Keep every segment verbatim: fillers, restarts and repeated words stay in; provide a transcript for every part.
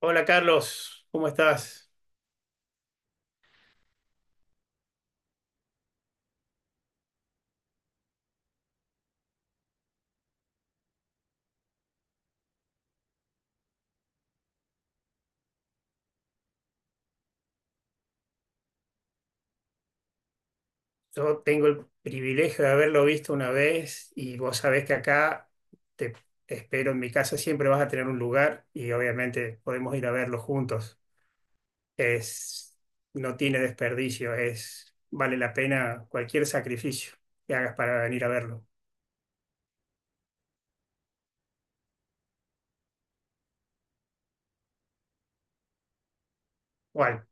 Hola Carlos, ¿cómo estás? Yo tengo el privilegio de haberlo visto una vez y vos sabés que acá te espero en mi casa, siempre vas a tener un lugar y obviamente podemos ir a verlo juntos. Es, no tiene desperdicio, es, vale la pena cualquier sacrificio que hagas para venir a verlo. Bueno,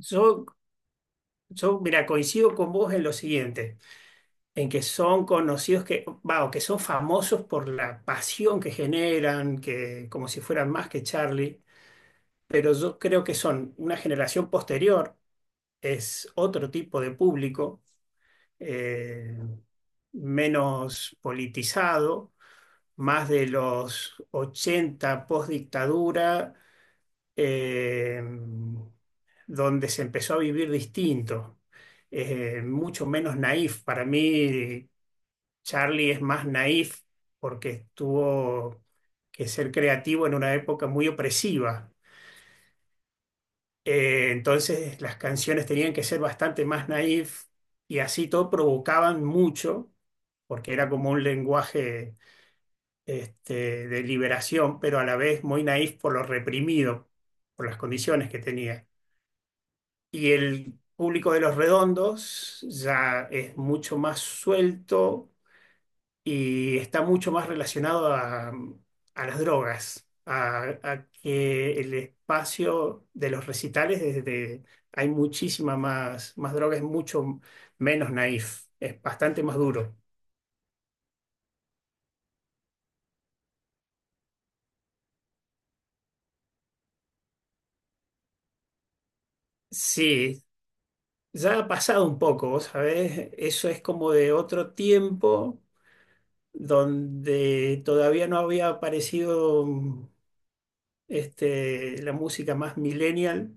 yo, yo, mira, coincido con vos en lo siguiente, en que son conocidos que, va, o que son famosos por la pasión que generan, que como si fueran más que Charlie, pero yo creo que son una generación posterior, es otro tipo de público, eh, menos politizado, más de los ochenta post dictadura, donde se empezó a vivir distinto. Eh, mucho menos naif. Para mí, Charlie es más naif porque tuvo que ser creativo en una época muy opresiva. Eh, entonces las canciones tenían que ser bastante más naif y así todo provocaban mucho, porque era como un lenguaje este, de liberación, pero a la vez muy naif por lo reprimido, por las condiciones que tenía. Y el público de Los Redondos ya es mucho más suelto y está mucho más relacionado a, a las drogas, a, a que el espacio de los recitales, desde, hay muchísima más, más, droga, es mucho menos naif, es bastante más duro. Sí, ya ha pasado un poco, vos ¿sabés? Eso es como de otro tiempo donde todavía no había aparecido este, la música más millennial,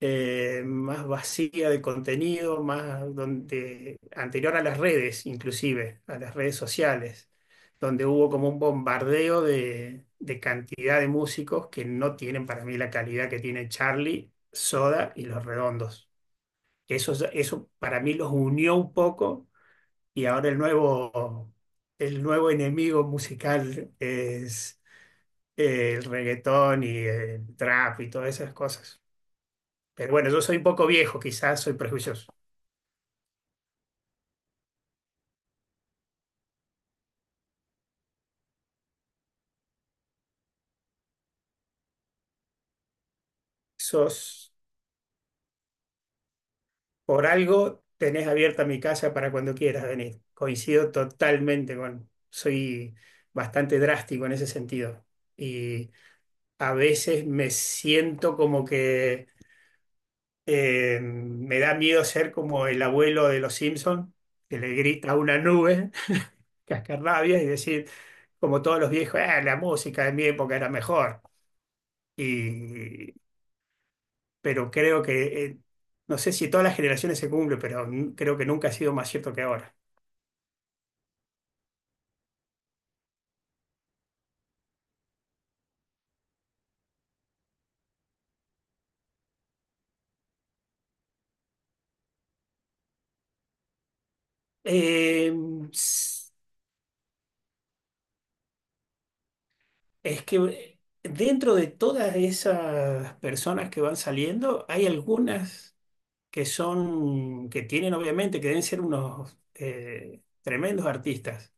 eh, más vacía de contenido, más donde, anterior a las redes, inclusive, a las redes sociales, donde hubo como un bombardeo de, de, cantidad de músicos que no tienen para mí la calidad que tiene Charlie, Soda y Los Redondos. Eso, es- eso para mí los unió un poco, y ahora el nuevo, el nuevo enemigo musical es... eh, El reggaetón y el trap y todas esas cosas. Pero bueno, yo soy un poco viejo, quizás soy prejuicioso. Sos, por algo, tenés abierta mi casa para cuando quieras venir. Coincido totalmente con, soy bastante drástico en ese sentido. Y a veces me siento como que eh, me da miedo ser como el abuelo de los Simpson, que le grita a una nube, cascarrabias, y decir, como todos los viejos: "Ah, la música de mi época era mejor". Y pero creo que, eh, no sé si todas las generaciones se cumple, pero n- creo que nunca ha sido más cierto que ahora. Eh, s- es que dentro de todas esas personas que van saliendo, hay algunas que son, que tienen obviamente, que deben ser unos eh, tremendos artistas,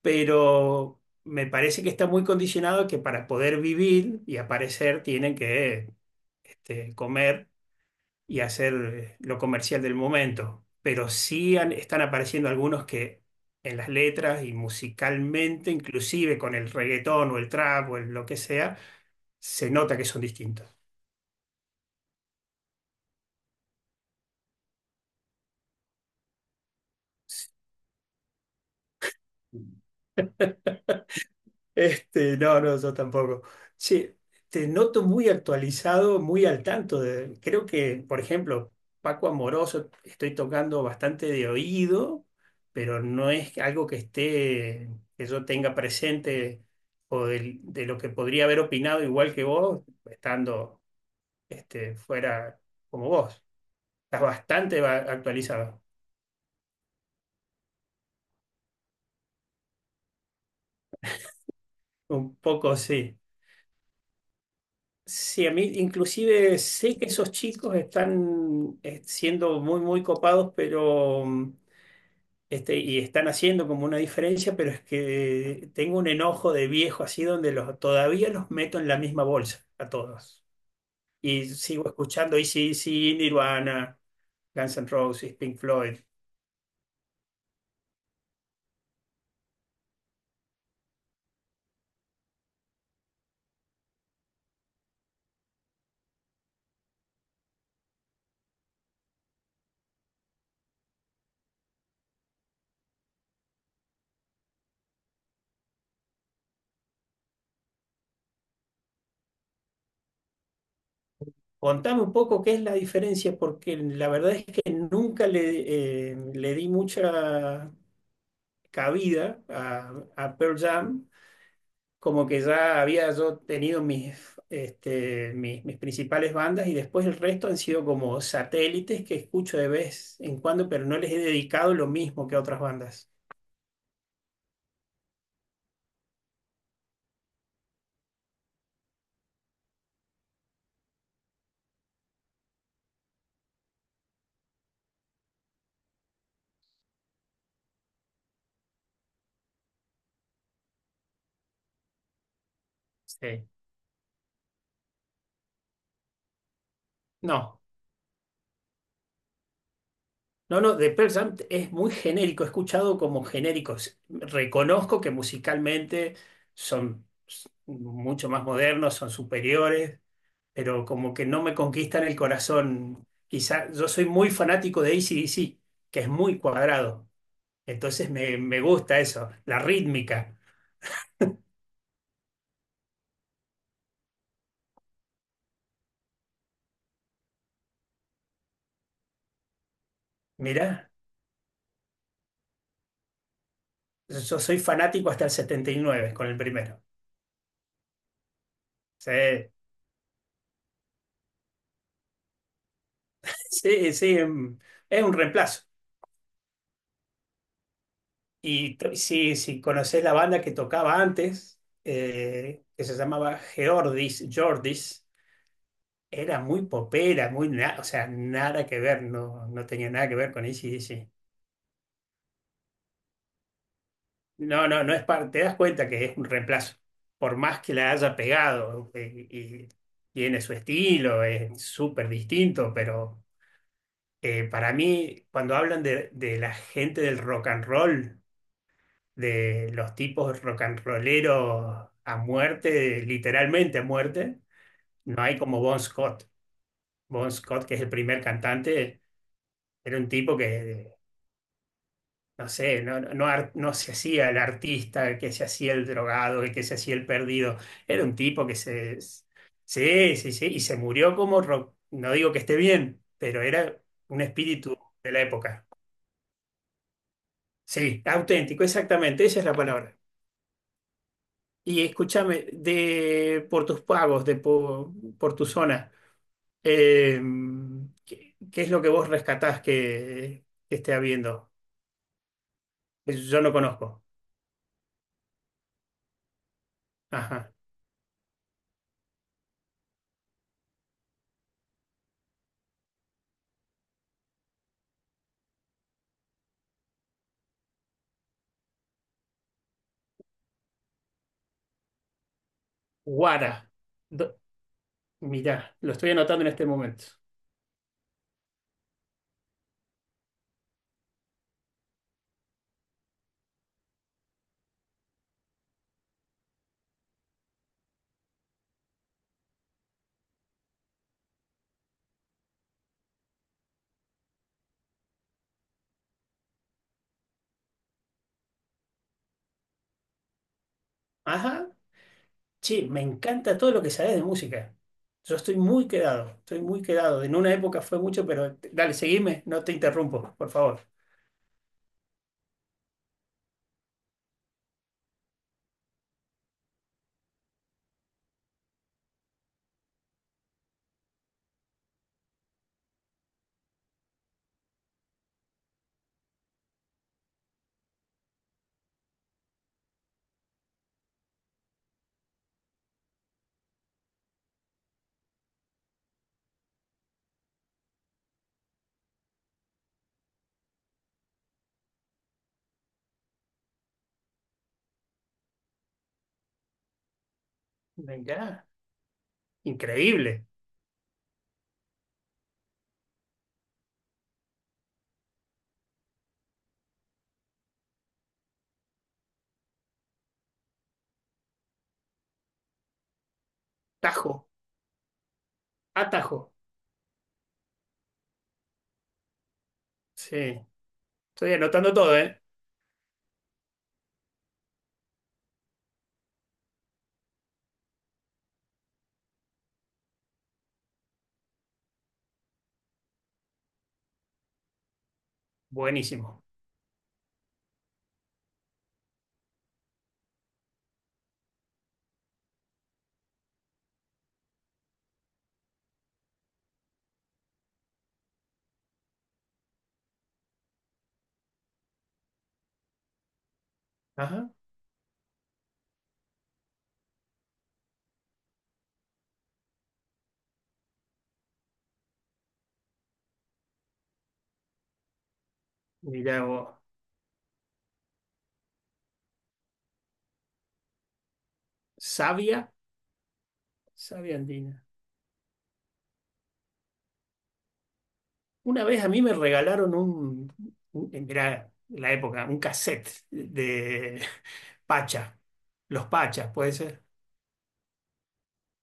pero me parece que está muy condicionado que para poder vivir y aparecer tienen que este, comer y hacer eh, lo comercial del momento. Pero sí han- están apareciendo algunos que en las letras y musicalmente, inclusive con el reggaetón o el trap o el lo que sea, se nota que son distintos. Este, no, no, yo tampoco. Sí, te noto muy actualizado, muy al tanto de, creo que, por ejemplo, Paco Amoroso, estoy tocando bastante de oído, pero no es algo que esté, que yo tenga presente o del- de, lo que podría haber opinado igual que vos, estando este, fuera como vos. Estás bastante va- actualizado. Un poco sí. Sí, a mí inclusive sé que esos chicos están eh, siendo muy, muy copados, pero mm, este, y están haciendo como una diferencia, pero es que tengo un enojo de viejo así donde los, todavía los meto en la misma bolsa a todos. Y sigo escuchando sí dc Nirvana, Guns N' Roses, Pink Floyd. Contame un poco qué es la diferencia, porque la verdad es que nunca le, eh, le di mucha cabida a, a Pearl Jam, como que ya había yo tenido mis, este, mis, mis principales bandas y después el resto han sido como satélites que escucho de vez en cuando, pero no les he dedicado lo mismo que a otras bandas. Sí. No, no, no, The Pearl Jam es muy genérico, he escuchado como genéricos. Reconozco que musicalmente son s- mucho más modernos, son superiores, pero como que no me conquistan el corazón. Quizá yo soy muy fanático de A C/D C, que es muy cuadrado. Entonces me, me gusta eso, la rítmica. Mirá, yo soy fanático hasta el setenta y nueve con el primero. Sí, sí, sí, em, es un reemplazo. Y to- si, si conocés la banda que tocaba antes, eh, que se llamaba Geordis, Jordis, era muy popera, muy na- o sea, nada que ver, no, no tenía nada que ver con ac. No, no, no es parte. Te das cuenta que es un reemplazo. Por más que la haya pegado eh, y tiene su estilo, es súper distinto, pero eh, para mí, cuando hablan de, de la gente del rock and roll, de los tipos rock and rolleros a muerte, literalmente a muerte, no hay como Bon Scott. Bon Scott, que es el primer cantante, era un tipo que no sé, no, no, no ar- no se hacía el artista, el que se hacía el drogado, el que se hacía el perdido. Era un tipo que se... Sí, sí, sí, y se murió como rock. No digo que esté bien, pero era un espíritu de la época. Sí, auténtico, exactamente, esa es la palabra. Y escúchame, de, por tus pagos, de, po- por, tu zona, eh, ¿qué, qué es lo que vos rescatás que, que esté habiendo? Que yo no conozco. Ajá. Guara. Mirá, lo estoy anotando en este momento. Ajá, sí, me encanta todo lo que sabes de música. Yo estoy muy quedado, estoy muy quedado. En una época fue mucho, pero dale, seguime, no te interrumpo, por favor. Venga, increíble. Tajo, atajo. Sí, estoy anotando todo, ¿eh? Buenísimo. Ajá, mirá vos. Sabia, sabia andina. Una vez a mí me regalaron un, un- eh, mirá, la época, un cassette de Pacha, los Pachas, puede ser.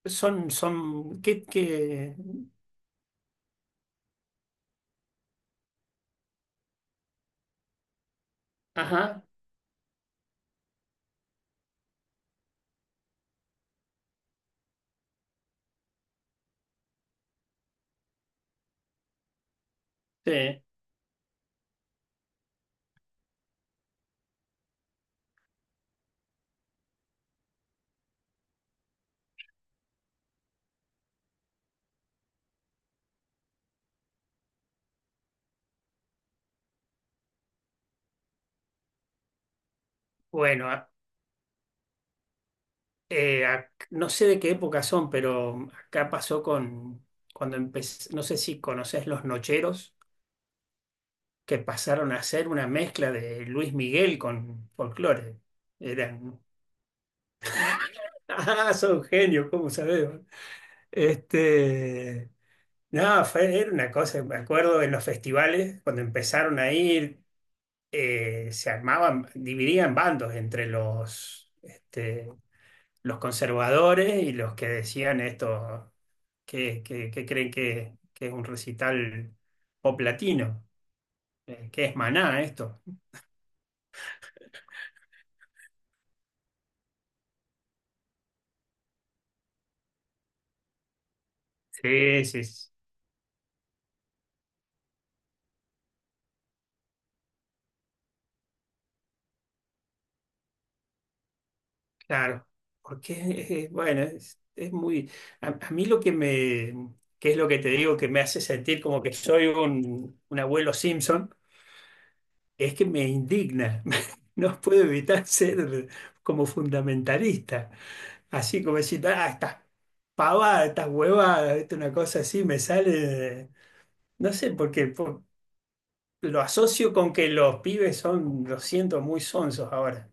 Son, son, ¿qué, qué? Ajá, sí. Bueno, a- eh, ac- no sé de qué época son, pero acá pasó con, cuando empecé, no sé si conoces Los Nocheros, que pasaron a ser una mezcla de Luis Miguel con folclore. Eran, ah, son genios, ¿cómo sabés? Este, no, fue, era una cosa, me acuerdo en los festivales, cuando empezaron a ir, eh, se armaban, dividían bandos entre los, este, los conservadores y los que decían esto, que, que- que creen que, que es un recital pop latino, eh, que es Maná esto. Sí, sí, sí, claro. Porque, eh, bueno, es, es muy... A, a mí lo que me... ¿Que es lo que te digo que me hace sentir como que soy un, un abuelo Simpson? Es que me indigna. No puedo evitar ser como fundamentalista. Así como decir: "Ah, estas pavadas, estas huevadas, ¿viste?". Una cosa así me sale, de- no sé, porque por- lo asocio con que los pibes son, lo siento, muy sonsos ahora.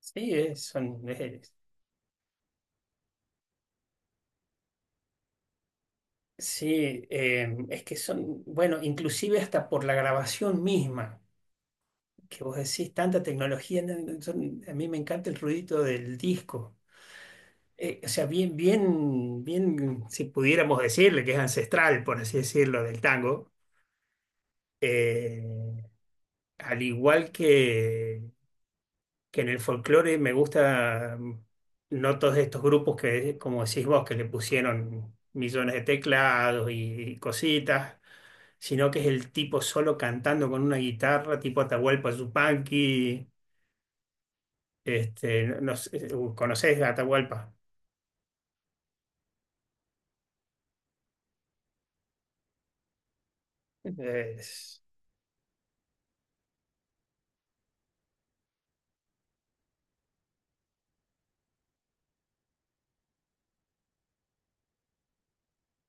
Sí, es- son, es- sí, eh, es que son, bueno, inclusive hasta por la grabación misma, que vos decís, tanta tecnología, no, no, son- a mí me encanta el ruidito del disco. Eh, o sea, bien, bien, bien, si pudiéramos decirle que es ancestral, por así decirlo, del tango. Eh, Al igual que, que en el folclore, me gusta mm, no todos estos grupos que, como decís vos, que le pusieron millones de teclados y, cositas, sino que es el tipo solo cantando con una guitarra, tipo Atahualpa Yupanqui. Este, no no sé, uh, ¿conocés a Atahualpa? Es-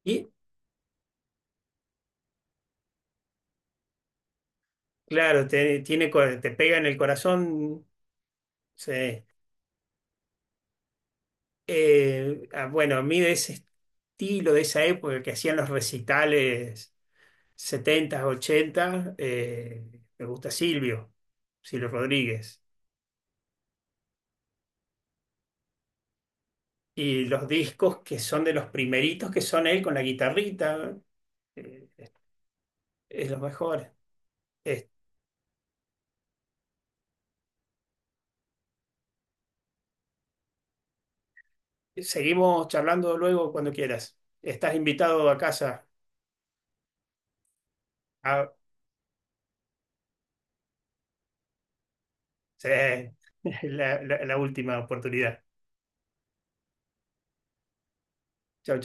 y claro, te, tiene, co- te pega en el corazón. Sí. Eh, ah, bueno, a mí de ese estilo, de esa época que hacían los recitales setenta ochenta, eh, me gusta Silvio, Silvio Rodríguez. Y los discos que son de los primeritos, que son él con la guitarrita, eh, es lo mejor. Es- Seguimos charlando luego cuando quieras. Estás invitado a casa. Ah, sí, la, la la última oportunidad. Chao, chao.